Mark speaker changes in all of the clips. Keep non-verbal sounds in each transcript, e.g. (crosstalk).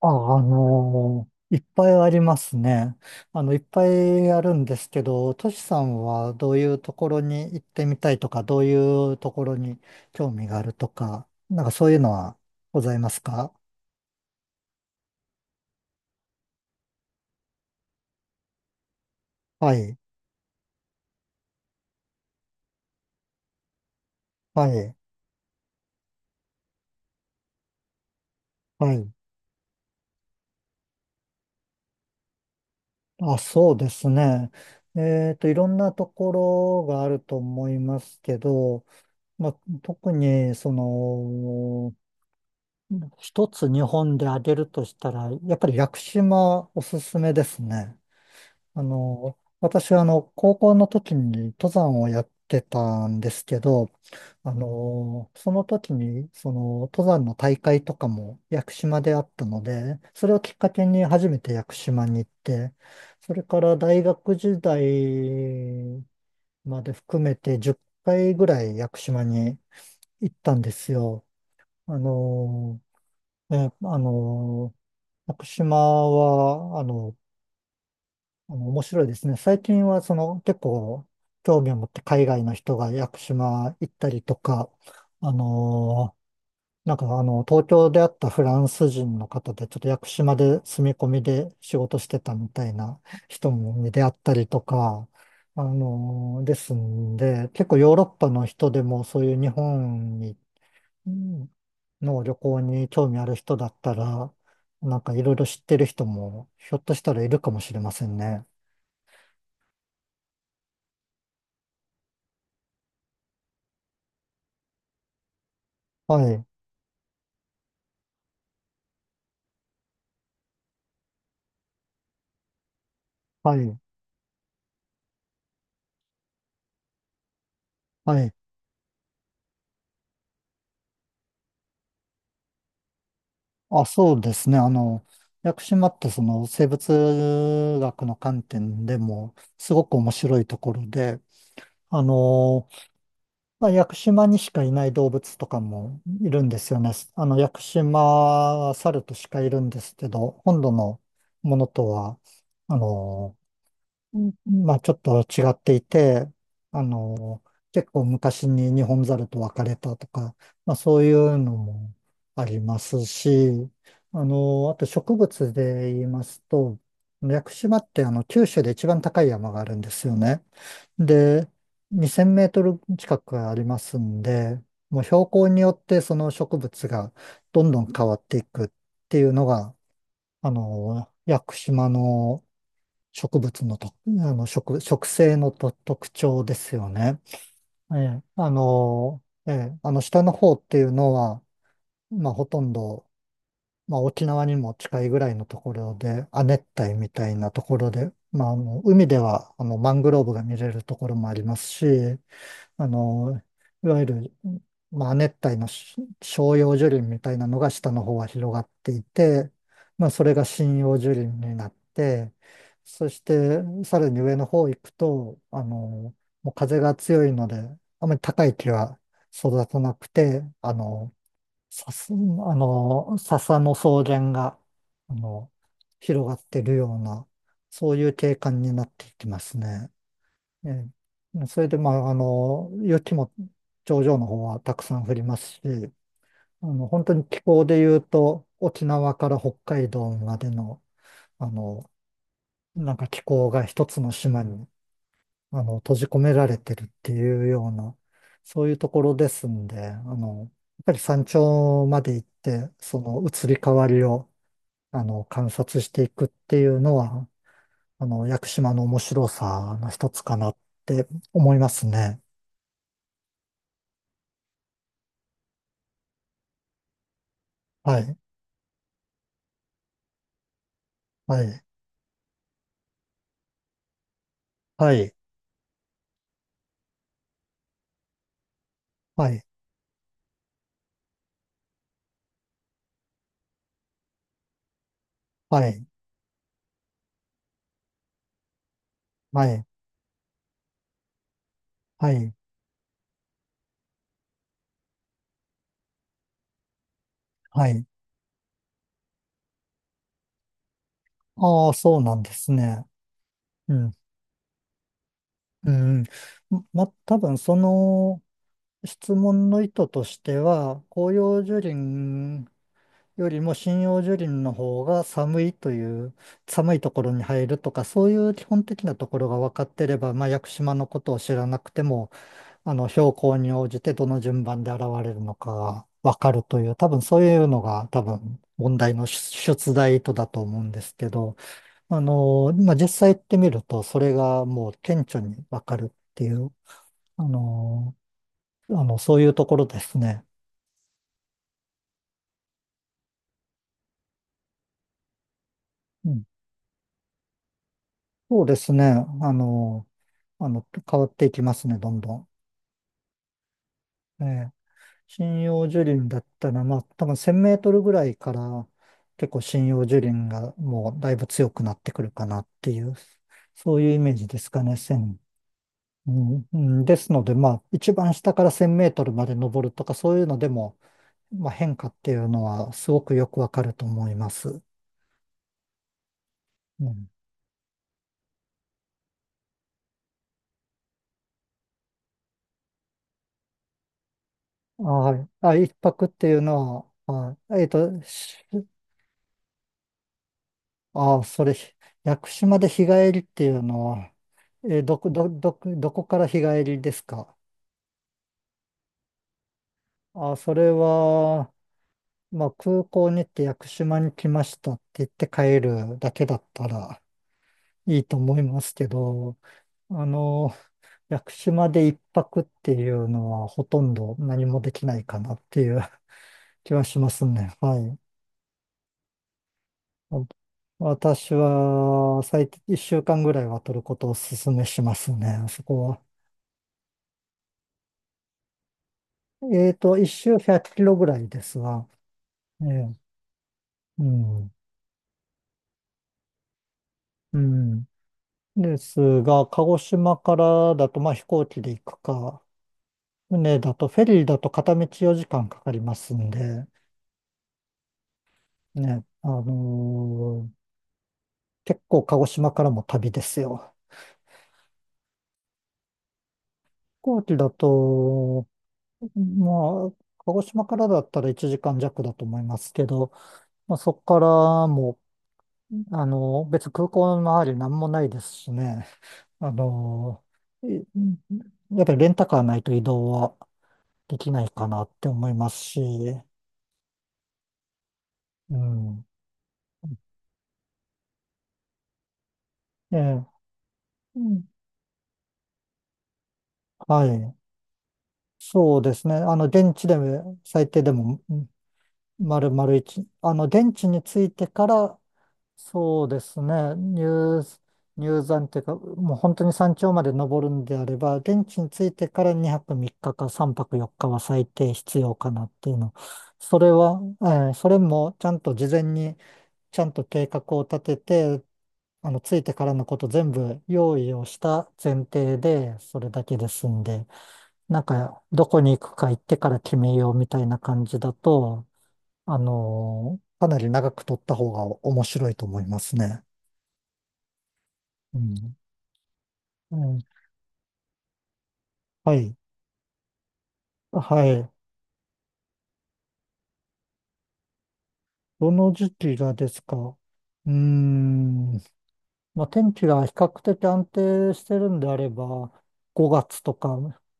Speaker 1: あ、いっぱいありますね。いっぱいあるんですけど、トシさんはどういうところに行ってみたいとか、どういうところに興味があるとか、なんかそういうのはございますか？はい、はい、はい。あ、そうですね。いろんなところがあると思いますけど、まあ、特に、一つ日本で挙げるとしたら、やっぱり屋久島おすすめですね。私は高校の時に登山をやってたんですけど、その時に、登山の大会とかも屋久島であったので、それをきっかけに初めて屋久島に行って、それから大学時代まで含めて10回ぐらい屋久島に行ったんですよ。あの、え、あの、屋久島は、面白いですね。最近は結構興味を持って海外の人が屋久島行ったりとか、あのーなんか東京であったフランス人の方でちょっと屋久島で住み込みで仕事してたみたいな人に出会ったりとか、ですんで、結構ヨーロッパの人でもそういう日本にうんの旅行に興味ある人だったら、なんかいろいろ知ってる人もひょっとしたらいるかもしれませんね。はい。はい、はい。あ、そうですね。屋久島ってその生物学の観点でもすごく面白いところで、あの、まあ、屋久島にしかいない動物とかもいるんですよね。屋久島は猿としかいるんですけど、本土のものとは、あの、うんまあちょっと違っていて、あの、結構昔にニホンザルと別れたとか、まあそういうのもありますし、あと植物で言いますと、屋久島って九州で一番高い山があるんですよね。で、2000メートル近くありますんで、もう標高によってその植物がどんどん変わっていくっていうのが、屋久島の植物のと、植生のと特徴ですよね。下の方っていうのは、まあほとんど、まあ沖縄にも近いぐらいのところで、亜熱帯みたいなところで、まあ海ではマングローブが見れるところもありますし、あの、いわゆる、まあ、熱帯の照葉樹林みたいなのが下の方は広がっていて、まあ、それが針葉樹林になって、そしてさらに上の方行くと、もう風が強いので、あまり高い木は育たなくて、笹、あ笹の草原が、あの、広がってるような、そういう景観になっていきますね。えそれで、まあ、雪も頂上の方はたくさん降りますし、本当に気候で言うと、沖縄から北海道までの、あの、なんか気候が一つの島に、閉じ込められてるっていうような、そういうところですんで、やっぱり山頂まで行って、その移り変わりを、観察していくっていうのは、屋久島の面白さの一つかなって思いますね。はい。はい、はい、はい、はい、はい、はい、はい。ああ、そうなんですね。うん、うん。ま多分その質問の意図としては、紅葉樹林よりも針葉樹林の方が寒いという、寒いところに入るとか、そういう基本的なところが分かってれば、まあ、屋久島のことを知らなくても、標高に応じてどの順番で現れるのかがわかるという、多分そういうのが多分問題の出題とだと思うんですけど、まあ、実際行ってみると、それがもう顕著にわかるっていう、あの、そういうところですね。うん、そうですね。あの、変わっていきますね、どんどん。ええ針葉樹林だったら、まあ、多分1000メートルぐらいから結構針葉樹林がもうだいぶ強くなってくるかなっていう、そういうイメージですかね。1うん、うんですので、まあ、一番下から1000メートルまで登るとか、そういうのでも、まあ、変化っていうのはすごくよくわかると思います。うん、はい。あ、一泊っていうのは、はい、あ、屋久島で日帰りっていうのは、どこから日帰りですか？あ、それは、まあ、空港に行って屋久島に来ましたって言って帰るだけだったらいいと思いますけど、あの、屋久島で一泊っていうのはほとんど何もできないかなっていう気はしますね。はい。私は最低1週間ぐらいは取ることをお勧めしますね。そこは。1周100キロぐらいですが。ええ、うん。うん。ですが、鹿児島からだと、まあ、飛行機で行くか、船だと、フェリーだと片道4時間かかりますんで、ね、結構鹿児島からも旅ですよ。飛行機だと、まあ、鹿児島からだったら1時間弱だと思いますけど、まあ、そこからもう、別に空港の周り何もないですしね、あのーいやっぱりレンタカーないと移動はできないかなって思いますし、うん。ええ、うん、はい。そうですね。電池で、最低でも、うん、丸々一。電池についてから、そうですね。入山っていうか、もう本当に山頂まで登るんであれば、電池についてから2泊3日か3泊4日は最低必要かなっていうの。それは、それもちゃんと事前に、ちゃんと計画を立てて、ついてからのこと全部用意をした前提で、それだけですんで、なんか、どこに行くか行ってから決めようみたいな感じだと、かなり長く取った方が面白いと思いますね。うん。うん、はい。はい。どの時期がですか？うーん。まあ、天気が比較的安定してるんであれば、5月とか、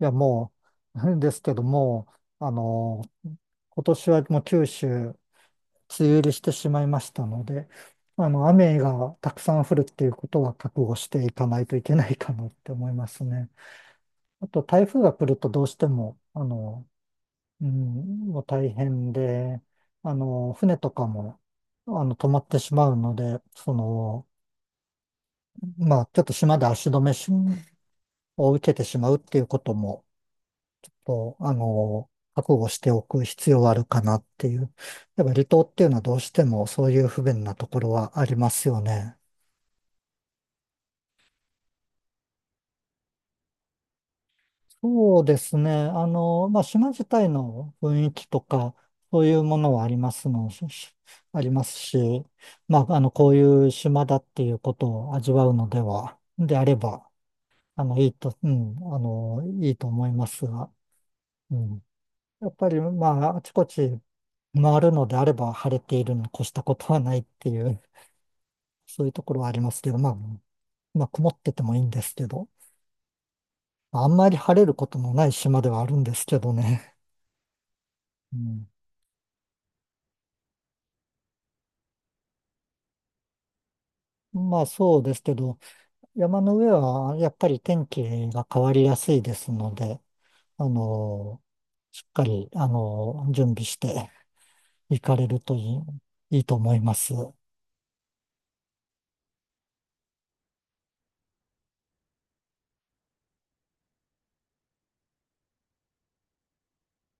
Speaker 1: いや、もう、(laughs) ですけども、あの今年はもう九州梅雨入りしてしまいましたので、雨がたくさん降るっていうことは覚悟していかないといけないかなって思いますね。あと、台風が来るとどうしても、もう大変で、船とかも、止まってしまうので、まあ、ちょっと島で足止めを受けてしまうっていうことも、こう覚悟しておく必要はあるかなっていう。やっぱ離島っていうのはどうしてもそういう不便なところはありますよね。そうですね。まあ、島自体の雰囲気とか、そういうものはありますの、しし (laughs) ありますし、まあ、こういう島だっていうことを味わうのでは、であれば、あの、いいと、うん、あの、いいと思いますが、うん。やっぱり、まあ、あちこち回るのであれば、晴れているに越したことはないっていう、(laughs) そういうところはありますけど、まあ、曇っててもいいんですけど、あんまり晴れることのない島ではあるんですけどね。うん、まあ、そうですけど、山の上はやっぱり天気が変わりやすいですので、あの、しっかり、準備して行かれるといいと思います。